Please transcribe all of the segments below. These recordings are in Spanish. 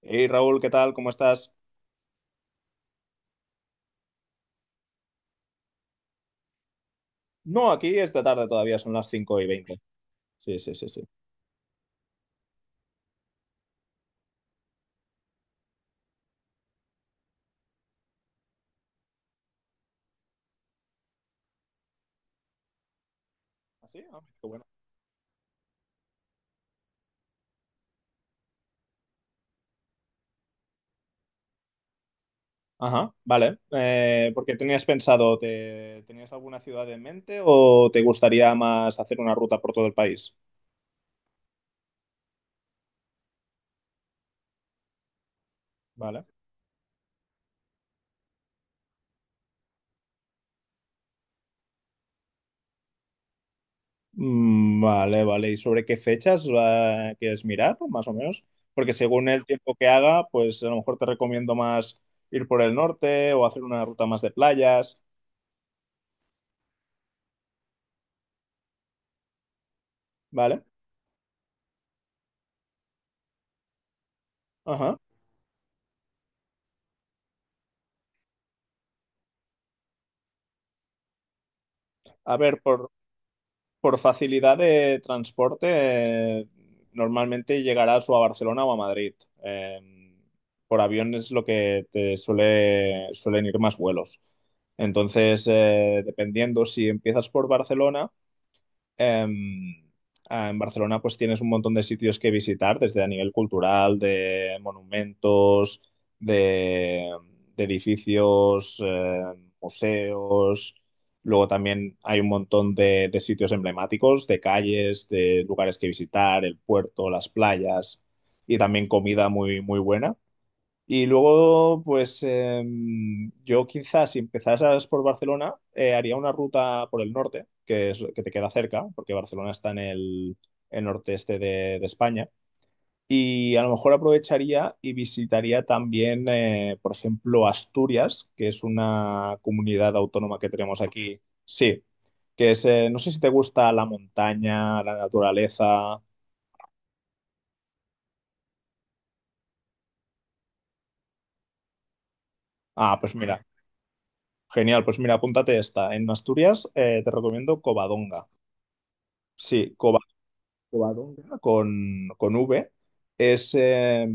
Hey Raúl, ¿qué tal? ¿Cómo estás? No, aquí esta tarde todavía, son las 5:20. Sí, sí, sí, sí. ¿Ah, sí? Ah, qué bueno. Ajá, vale. ¿Por qué tenías pensado, tenías alguna ciudad en mente o te gustaría más hacer una ruta por todo el país? Vale. Mm, vale, vale. ¿Y sobre qué fechas quieres mirar, más o menos? Porque según el tiempo que haga, pues a lo mejor te recomiendo más ir por el norte o hacer una ruta más de playas. Vale. Ajá. A ver, por facilidad de transporte, eh, normalmente llegarás o a Barcelona o a Madrid. Eh, por avión es lo que suelen ir más vuelos. Entonces, dependiendo si empiezas por Barcelona. Em, en Barcelona pues tienes un montón de sitios que visitar, desde a nivel cultural, de monumentos, de, de edificios, museos. Luego también hay un montón de sitios emblemáticos, de calles, de lugares que visitar, el puerto, las playas y también comida muy, muy buena. Y luego, pues yo quizás si empezaras por Barcelona, haría una ruta por el norte, que es que te queda cerca, porque Barcelona está en el noreste de España. Y a lo mejor aprovecharía y visitaría también, por ejemplo, Asturias, que es una comunidad autónoma que tenemos aquí. Sí, que es, no sé si te gusta la montaña, la naturaleza. Ah, pues mira, genial, pues mira, apúntate esta. En Asturias, te recomiendo Covadonga. Sí, Covadonga con V. Es, eh,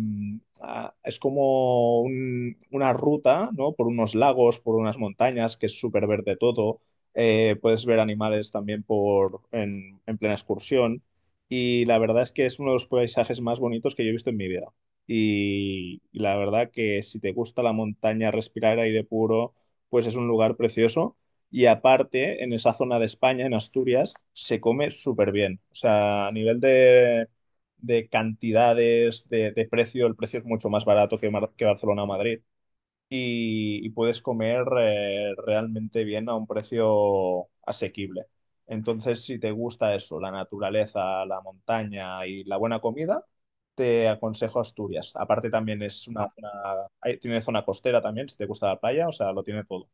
es como una ruta, ¿no? Por unos lagos, por unas montañas, que es súper verde todo. Puedes ver animales también en plena excursión. Y la verdad es que es uno de los paisajes más bonitos que yo he visto en mi vida. Y la verdad que si te gusta la montaña, respirar aire puro, pues es un lugar precioso. Y aparte, en esa zona de España, en Asturias, se come súper bien. O sea, a nivel de cantidades, de precio, el precio es mucho más barato que Barcelona o Madrid. Y puedes comer realmente bien a un precio asequible. Entonces, si te gusta eso, la naturaleza, la montaña y la buena comida, te aconsejo Asturias. Aparte, también es una zona, tiene zona costera también, si te gusta la playa, o sea, lo tiene todo.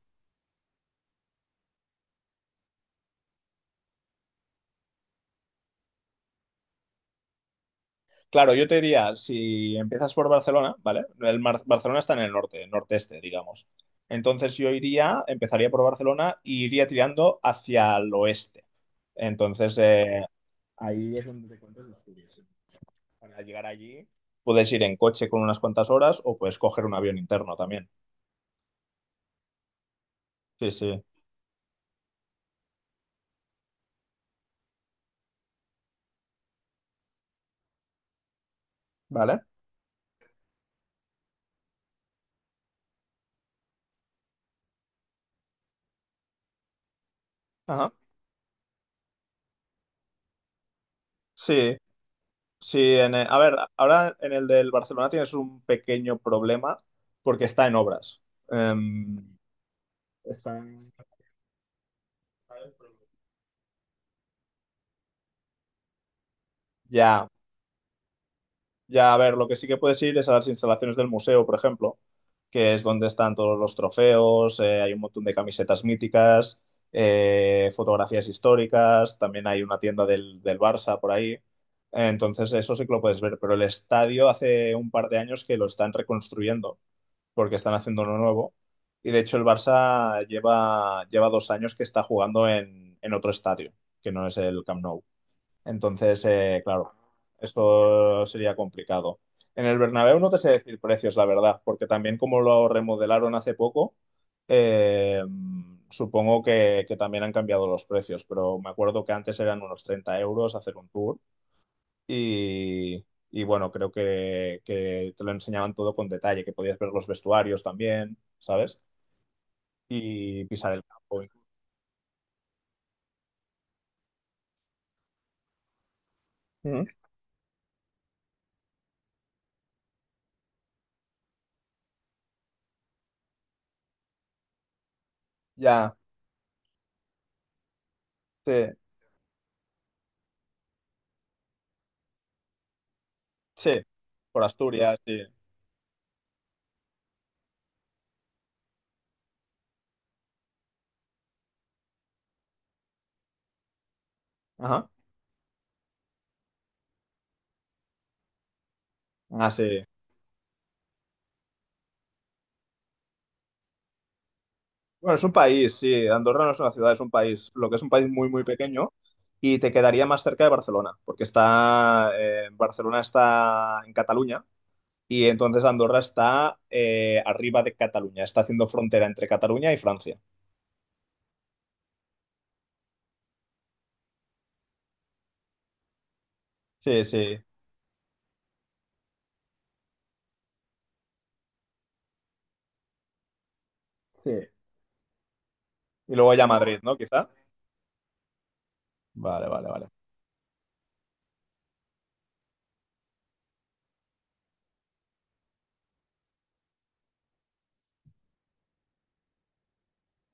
Claro, yo te diría, si empiezas por Barcelona, ¿vale? Barcelona está en el norte, norteste, digamos. Entonces yo empezaría por Barcelona y iría tirando hacia el oeste. Entonces ahí es donde te encuentras los Asturias. Para llegar allí puedes ir en coche con unas cuantas horas o puedes coger un avión interno también. Sí, sí. ¿Vale? Ajá. Sí, sí. A ver, ahora en el del Barcelona tienes un pequeño problema porque está en obras. Em, está en- Ya, ya, a ver, lo que sí que puedes ir es a las instalaciones del museo, por ejemplo, que es donde están todos los trofeos, hay un montón de camisetas míticas, fotografías históricas, también hay una tienda del Barça por ahí. Entonces, eso sí que lo puedes ver, pero el estadio hace un par de años que lo están reconstruyendo, porque están haciendo uno nuevo. Y de hecho, el Barça lleva 2 años que está jugando en otro estadio, que no es el Camp Nou. Entonces, claro, esto sería complicado. En el Bernabéu no te sé decir precios, la verdad, porque también como lo remodelaron hace poco, eh, supongo que también han cambiado los precios, pero me acuerdo que antes eran unos 30 euros hacer un tour y, y bueno, creo que te lo enseñaban todo con detalle, que podías ver los vestuarios también, ¿sabes? Y pisar el campo. Ujú. Ya, sí, sí, por Asturias, sí. Ajá. Ah, sí. Bueno, es un país, sí. Andorra no es una ciudad, es un país. Lo que es un país muy, muy pequeño y te quedaría más cerca de Barcelona, porque Barcelona está en Cataluña y entonces Andorra está arriba de Cataluña, está haciendo frontera entre Cataluña y Francia. Sí, sí, sí. Y luego ya Madrid, ¿no? Quizá. Vale, vale, vale.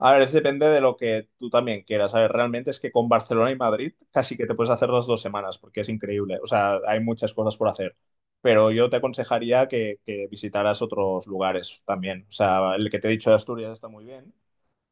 A ver, es depende de lo que tú también quieras. A ver, realmente es que con Barcelona y Madrid casi que te puedes hacer las 2 semanas, porque es increíble. O sea, hay muchas cosas por hacer. Pero yo te aconsejaría que visitaras otros lugares también. O sea, el que te he dicho de Asturias está muy bien,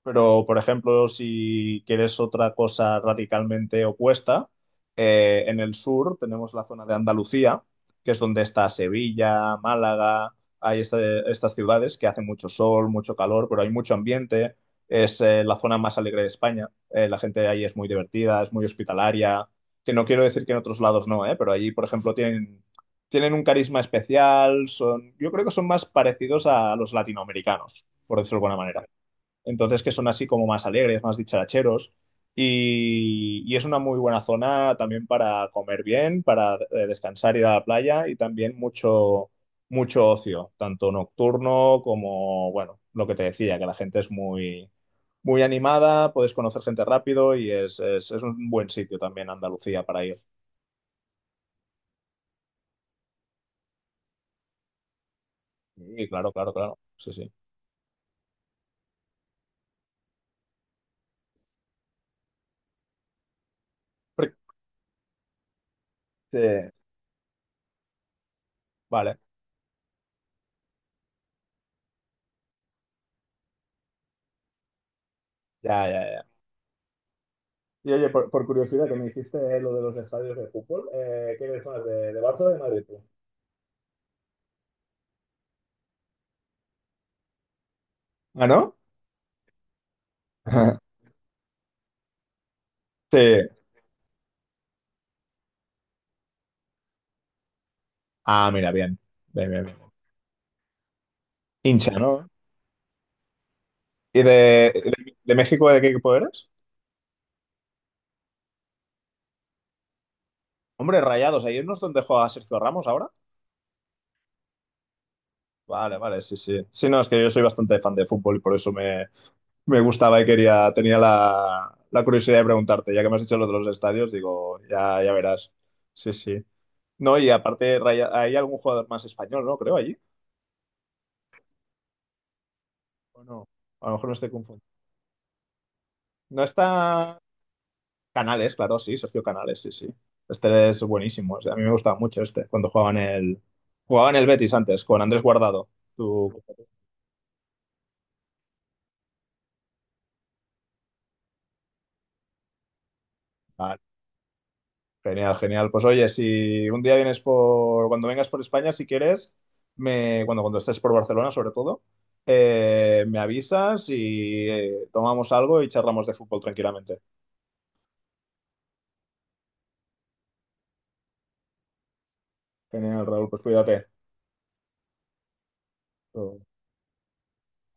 pero, por ejemplo, si quieres otra cosa radicalmente opuesta, en el sur tenemos la zona de Andalucía, que es donde está Sevilla, Málaga, hay estas ciudades que hace mucho sol, mucho calor, pero hay mucho ambiente. Es la zona más alegre de España. La gente ahí es muy divertida, es muy hospitalaria, que no quiero decir que en otros lados no, pero allí, por ejemplo, tienen un carisma especial, yo creo que son más parecidos a los latinoamericanos, por decirlo de alguna manera entonces que son así como más alegres, más dicharacheros. Y es una muy buena zona también para comer bien, para descansar, ir a la playa y también mucho, mucho ocio, tanto nocturno como, bueno, lo que te decía, que la gente es muy, muy animada, puedes conocer gente rápido y es un buen sitio también Andalucía para ir. Y claro, claro, claro, sí, sí. Porque- Vale, ya, ya, ya. Y oye, por curiosidad, que me dijiste lo de los estadios de fútbol, ¿qué eres más, de Barça o de Madrid tú? ¿Ah, no? Sí. Ah, mira, bien. Bien, bien, bien. Hincha, ¿no? ¿Y de México de qué equipo eres? Hombre, Rayados, ¿ahí no es donde juega Sergio Ramos ahora? Vale, vale, sí, sí. Sí, no, es que yo soy bastante fan de fútbol y por eso me gustaba y tenía la curiosidad de preguntarte. Ya que me has dicho lo de los estadios, digo, ya, ya verás. Sí, sí. No, y aparte, hay algún jugador más español, ¿no? Creo, allí. O no, a lo mejor me estoy confundiendo. No está Canales, claro, sí, Sergio Canales, sí, sí. Este es buenísimo. O sea, a mí me gustaba mucho cuando jugaban el Betis antes, con Andrés Guardado. Tú- Ah, genial, genial. Pues oye, si un día vienes cuando vengas por España, si quieres, cuando estés por Barcelona, sobre todo, me avisas y tomamos algo y charlamos de fútbol tranquilamente. Genial, Raúl, pues cuídate.